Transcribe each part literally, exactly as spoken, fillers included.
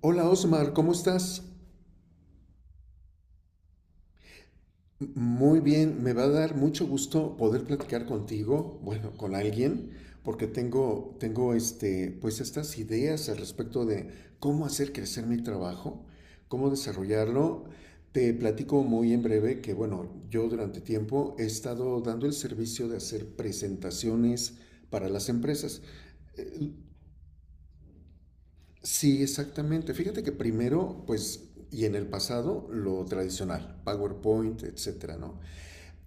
Hola Osmar, ¿cómo estás? Muy bien, me va a dar mucho gusto poder platicar contigo, bueno, con alguien, porque tengo, tengo este, pues estas ideas al respecto de cómo hacer crecer mi trabajo, cómo desarrollarlo. Te platico muy en breve que, bueno, yo durante tiempo he estado dando el servicio de hacer presentaciones para las empresas. Eh, Sí, exactamente. Fíjate que primero, pues, y en el pasado, lo tradicional, PowerPoint, etcétera, ¿no?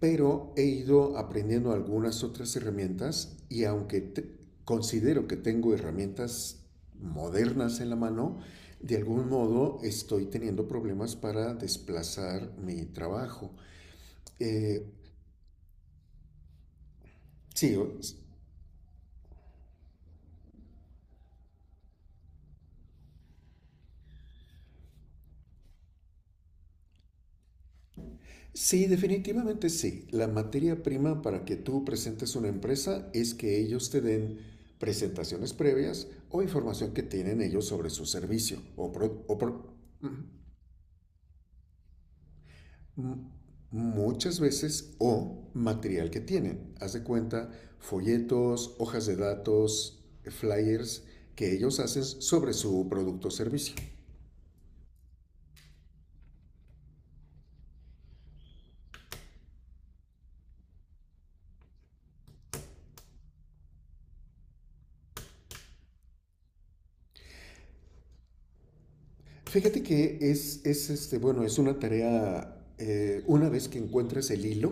Pero he ido aprendiendo algunas otras herramientas y aunque te- considero que tengo herramientas modernas en la mano, de algún modo estoy teniendo problemas para desplazar mi trabajo. Eh, sí, o- Sí, definitivamente sí. La materia prima para que tú presentes una empresa es que ellos te den presentaciones previas o información que tienen ellos sobre su servicio o, pro- o pro- m- muchas veces o material que tienen. Haz de cuenta, folletos, hojas de datos, flyers que ellos hacen sobre su producto o servicio. Fíjate que es, es, este, bueno, es una tarea, eh, una vez que encuentras el hilo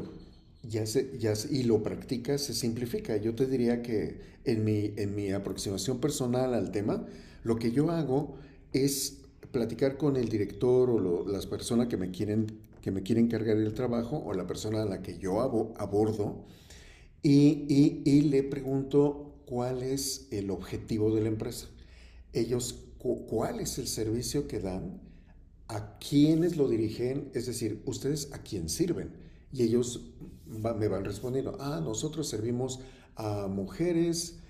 ya se- ya se- y lo practicas, se simplifica. Yo te diría que en mi, en mi aproximación personal al tema, lo que yo hago es platicar con el director o lo- las personas que me quieren, que me quieren cargar el trabajo o la persona a la que yo abo- abordo y, y- y le pregunto cuál es el objetivo de la empresa. Ellos, cu- ¿cuál es el servicio que dan?, a quienes lo dirigen, es decir, ustedes a quién sirven. Y ellos va- me van respondiendo, ah, nosotros servimos a mujeres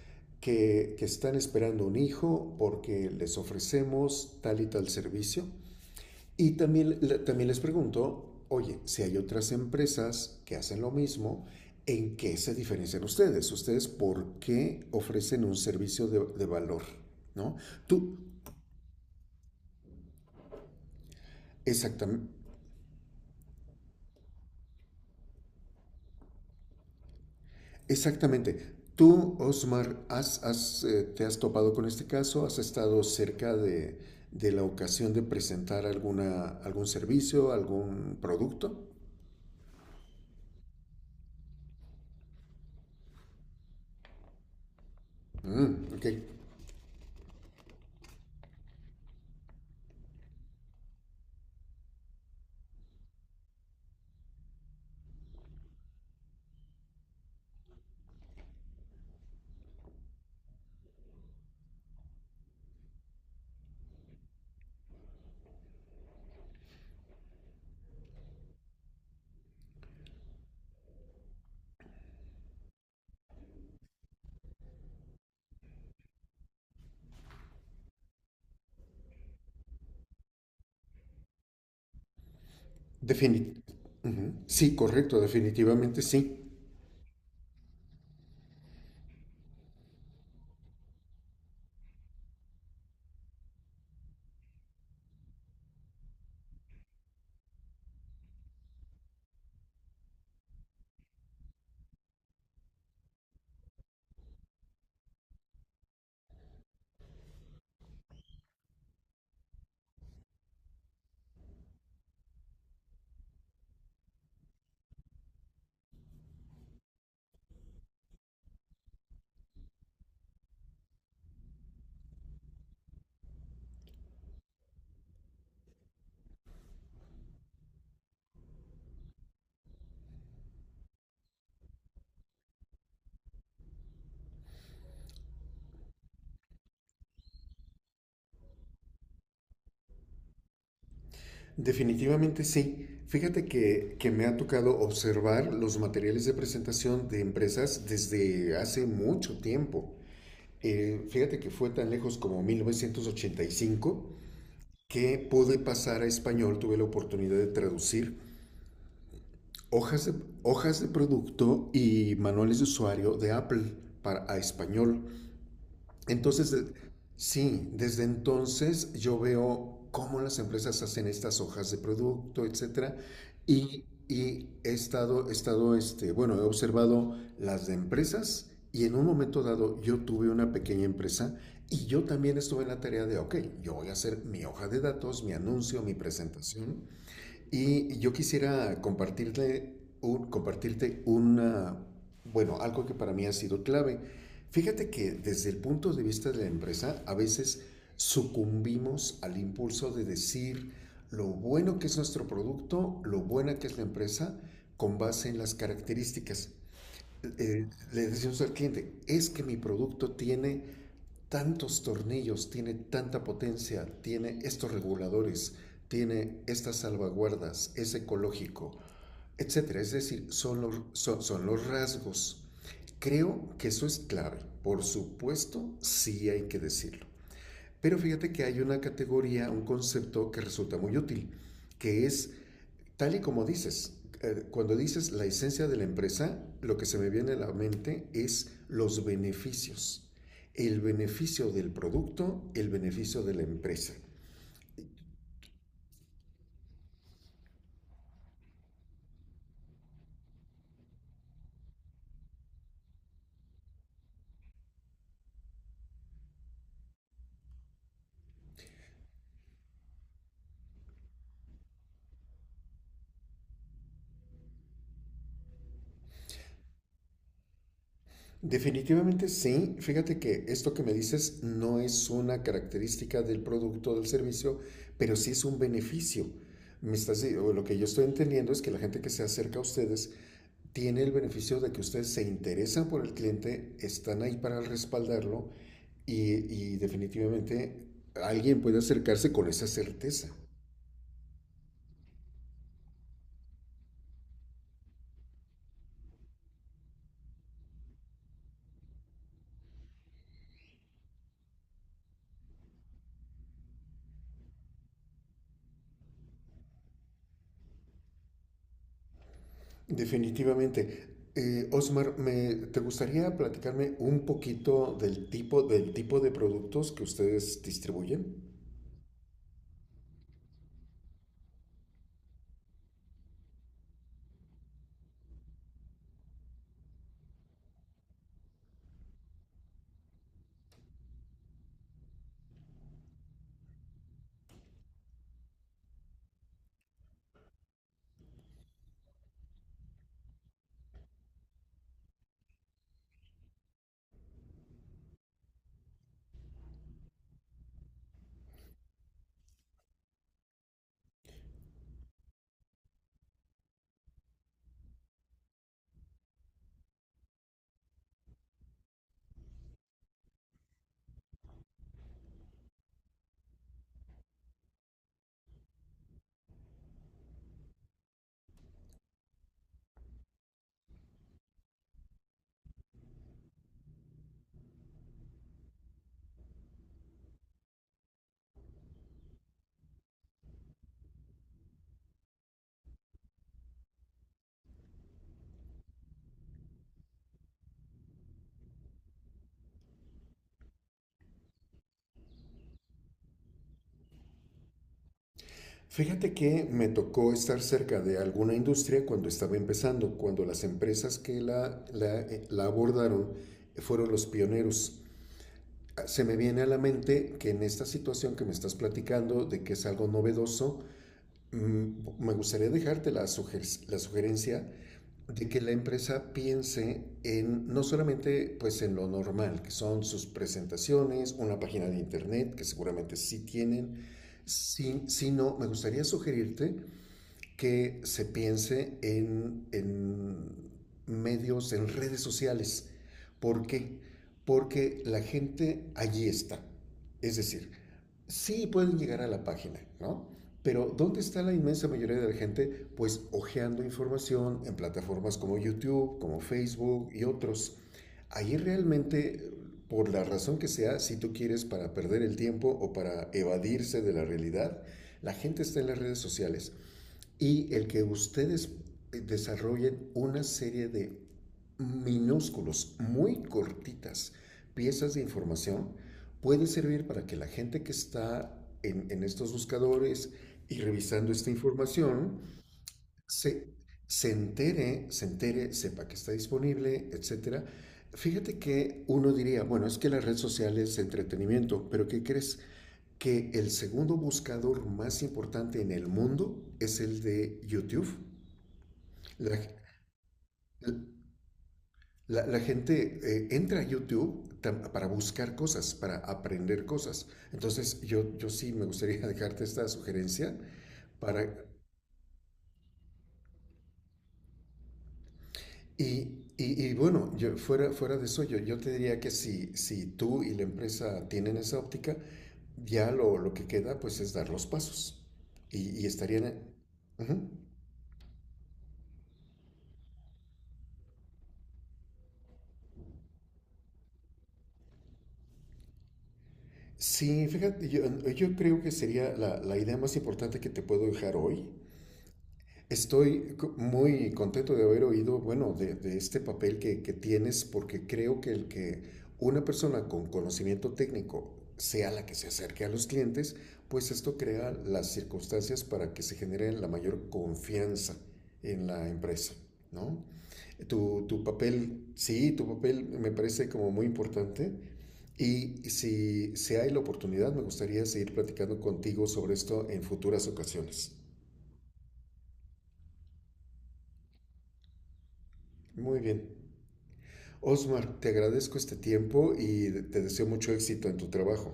que, que están esperando un hijo porque les ofrecemos tal y tal servicio. Y también, también les pregunto, oye, si hay otras empresas que hacen lo mismo, ¿en qué se diferencian ustedes? ¿Ustedes por qué ofrecen un servicio de, de valor? ¿No? Tú, exactamente. Exactamente. Tú, Osmar, has, has, eh, te has topado con este caso, has estado cerca de, de la ocasión de presentar alguna, algún servicio, algún producto. Mm, ok. Defini- Ujú. Sí, correcto, definitivamente sí. Definitivamente sí. Fíjate que, que me ha tocado observar los materiales de presentación de empresas desde hace mucho tiempo. Eh, fíjate que fue tan lejos como mil novecientos ochenta y cinco que pude pasar a español, tuve la oportunidad de traducir hojas de, hojas de producto y manuales de usuario de Apple para, a español. Entonces, sí, desde entonces yo veo cómo las empresas hacen estas hojas de producto, etcétera, y, y he estado, he estado, este, bueno, he observado las de empresas y en un momento dado yo tuve una pequeña empresa y yo también estuve en la tarea de, ok, yo voy a hacer mi hoja de datos, mi anuncio, mi presentación y yo quisiera compartirle un- compartirte una, bueno, algo que para mí ha sido clave. Fíjate que desde el punto de vista de la empresa, a veces sucumbimos al impulso de decir lo bueno que es nuestro producto, lo buena que es la empresa, con base en las características. Eh, eh, le decimos al cliente, es que mi producto tiene tantos tornillos, tiene tanta potencia, tiene estos reguladores, tiene estas salvaguardas, es ecológico, etcétera. Es decir, son los, son, son los rasgos. Creo que eso es clave. Por supuesto, sí hay que decirlo. Pero fíjate que hay una categoría, un concepto que resulta muy útil, que es. Tal y como dices, eh, cuando dices la esencia de la empresa, lo que se me viene a la mente es los beneficios. El beneficio del producto, el beneficio de la empresa. Definitivamente sí. Fíjate que esto que me dices no es una característica del producto o del servicio, pero sí es un beneficio. Me estás, di- o lo que yo estoy entendiendo es que la gente que se acerca a ustedes tiene el beneficio de que ustedes se interesan por el cliente, están ahí para respaldarlo y, y definitivamente alguien puede acercarse con esa certeza. Definitivamente. Eh, Osmar, me, ¿te gustaría platicarme un poquito del tipo, del tipo de productos que ustedes distribuyen? Fíjate que me tocó estar cerca de alguna industria cuando estaba empezando, cuando las empresas que la, la, eh, la abordaron fueron los pioneros. Se me viene a la mente que en esta situación que me estás platicando, de que es algo novedoso, mm, me gustaría dejarte la, suger la sugerencia de que la empresa piense en no solamente pues en lo normal, que son sus presentaciones, una página de internet que seguramente sí tienen, sí, sino me gustaría sugerirte que se piense en, en medios, en redes sociales. ¿Por qué? Porque la gente allí está. Es decir, sí pueden llegar a la página, ¿no? Pero ¿dónde está la inmensa mayoría de la gente? Pues hojeando información en plataformas como YouTube, como Facebook y otros. Ahí realmente, por la razón que sea, si tú quieres para perder el tiempo o para evadirse de la realidad, la gente está en las redes sociales y el que ustedes eh, desarrollen una serie de minúsculos, muy cortitas piezas de información puede servir para que la gente que está en, en estos buscadores y revisando esta información se, se entere, se entere, sepa que está disponible, etcétera. Fíjate que uno diría, bueno, es que las redes sociales es entretenimiento, pero ¿qué crees? Que el segundo buscador más importante en el mundo es el de YouTube. La, la, la gente eh, entra a YouTube tam- para buscar cosas, para aprender cosas. Entonces yo, yo sí me gustaría dejarte esta sugerencia para... Y, y- y bueno, yo, fuera, fuera de eso, yo, yo te diría que si, si tú y la empresa tienen esa óptica, ya lo, lo que queda pues es dar los pasos. Y, y estarían... Ujú. Sí, fíjate, yo, yo creo que sería la, la idea más importante que te puedo dejar hoy. Estoy co- muy contento de haber oído, bueno, de, de este papel que, que tienes, porque creo que el que una persona con conocimiento técnico sea la que se acerque a los clientes, pues esto crea las circunstancias para que se genere la mayor confianza en la empresa, ¿no? Tu, tu papel, sí, tu papel me parece como muy importante. Y si, si hay la oportunidad, me gustaría seguir platicando contigo sobre esto en futuras ocasiones. Muy bien. Osmar, te agradezco este tiempo y te deseo mucho éxito en tu trabajo.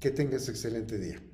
Que tengas excelente día.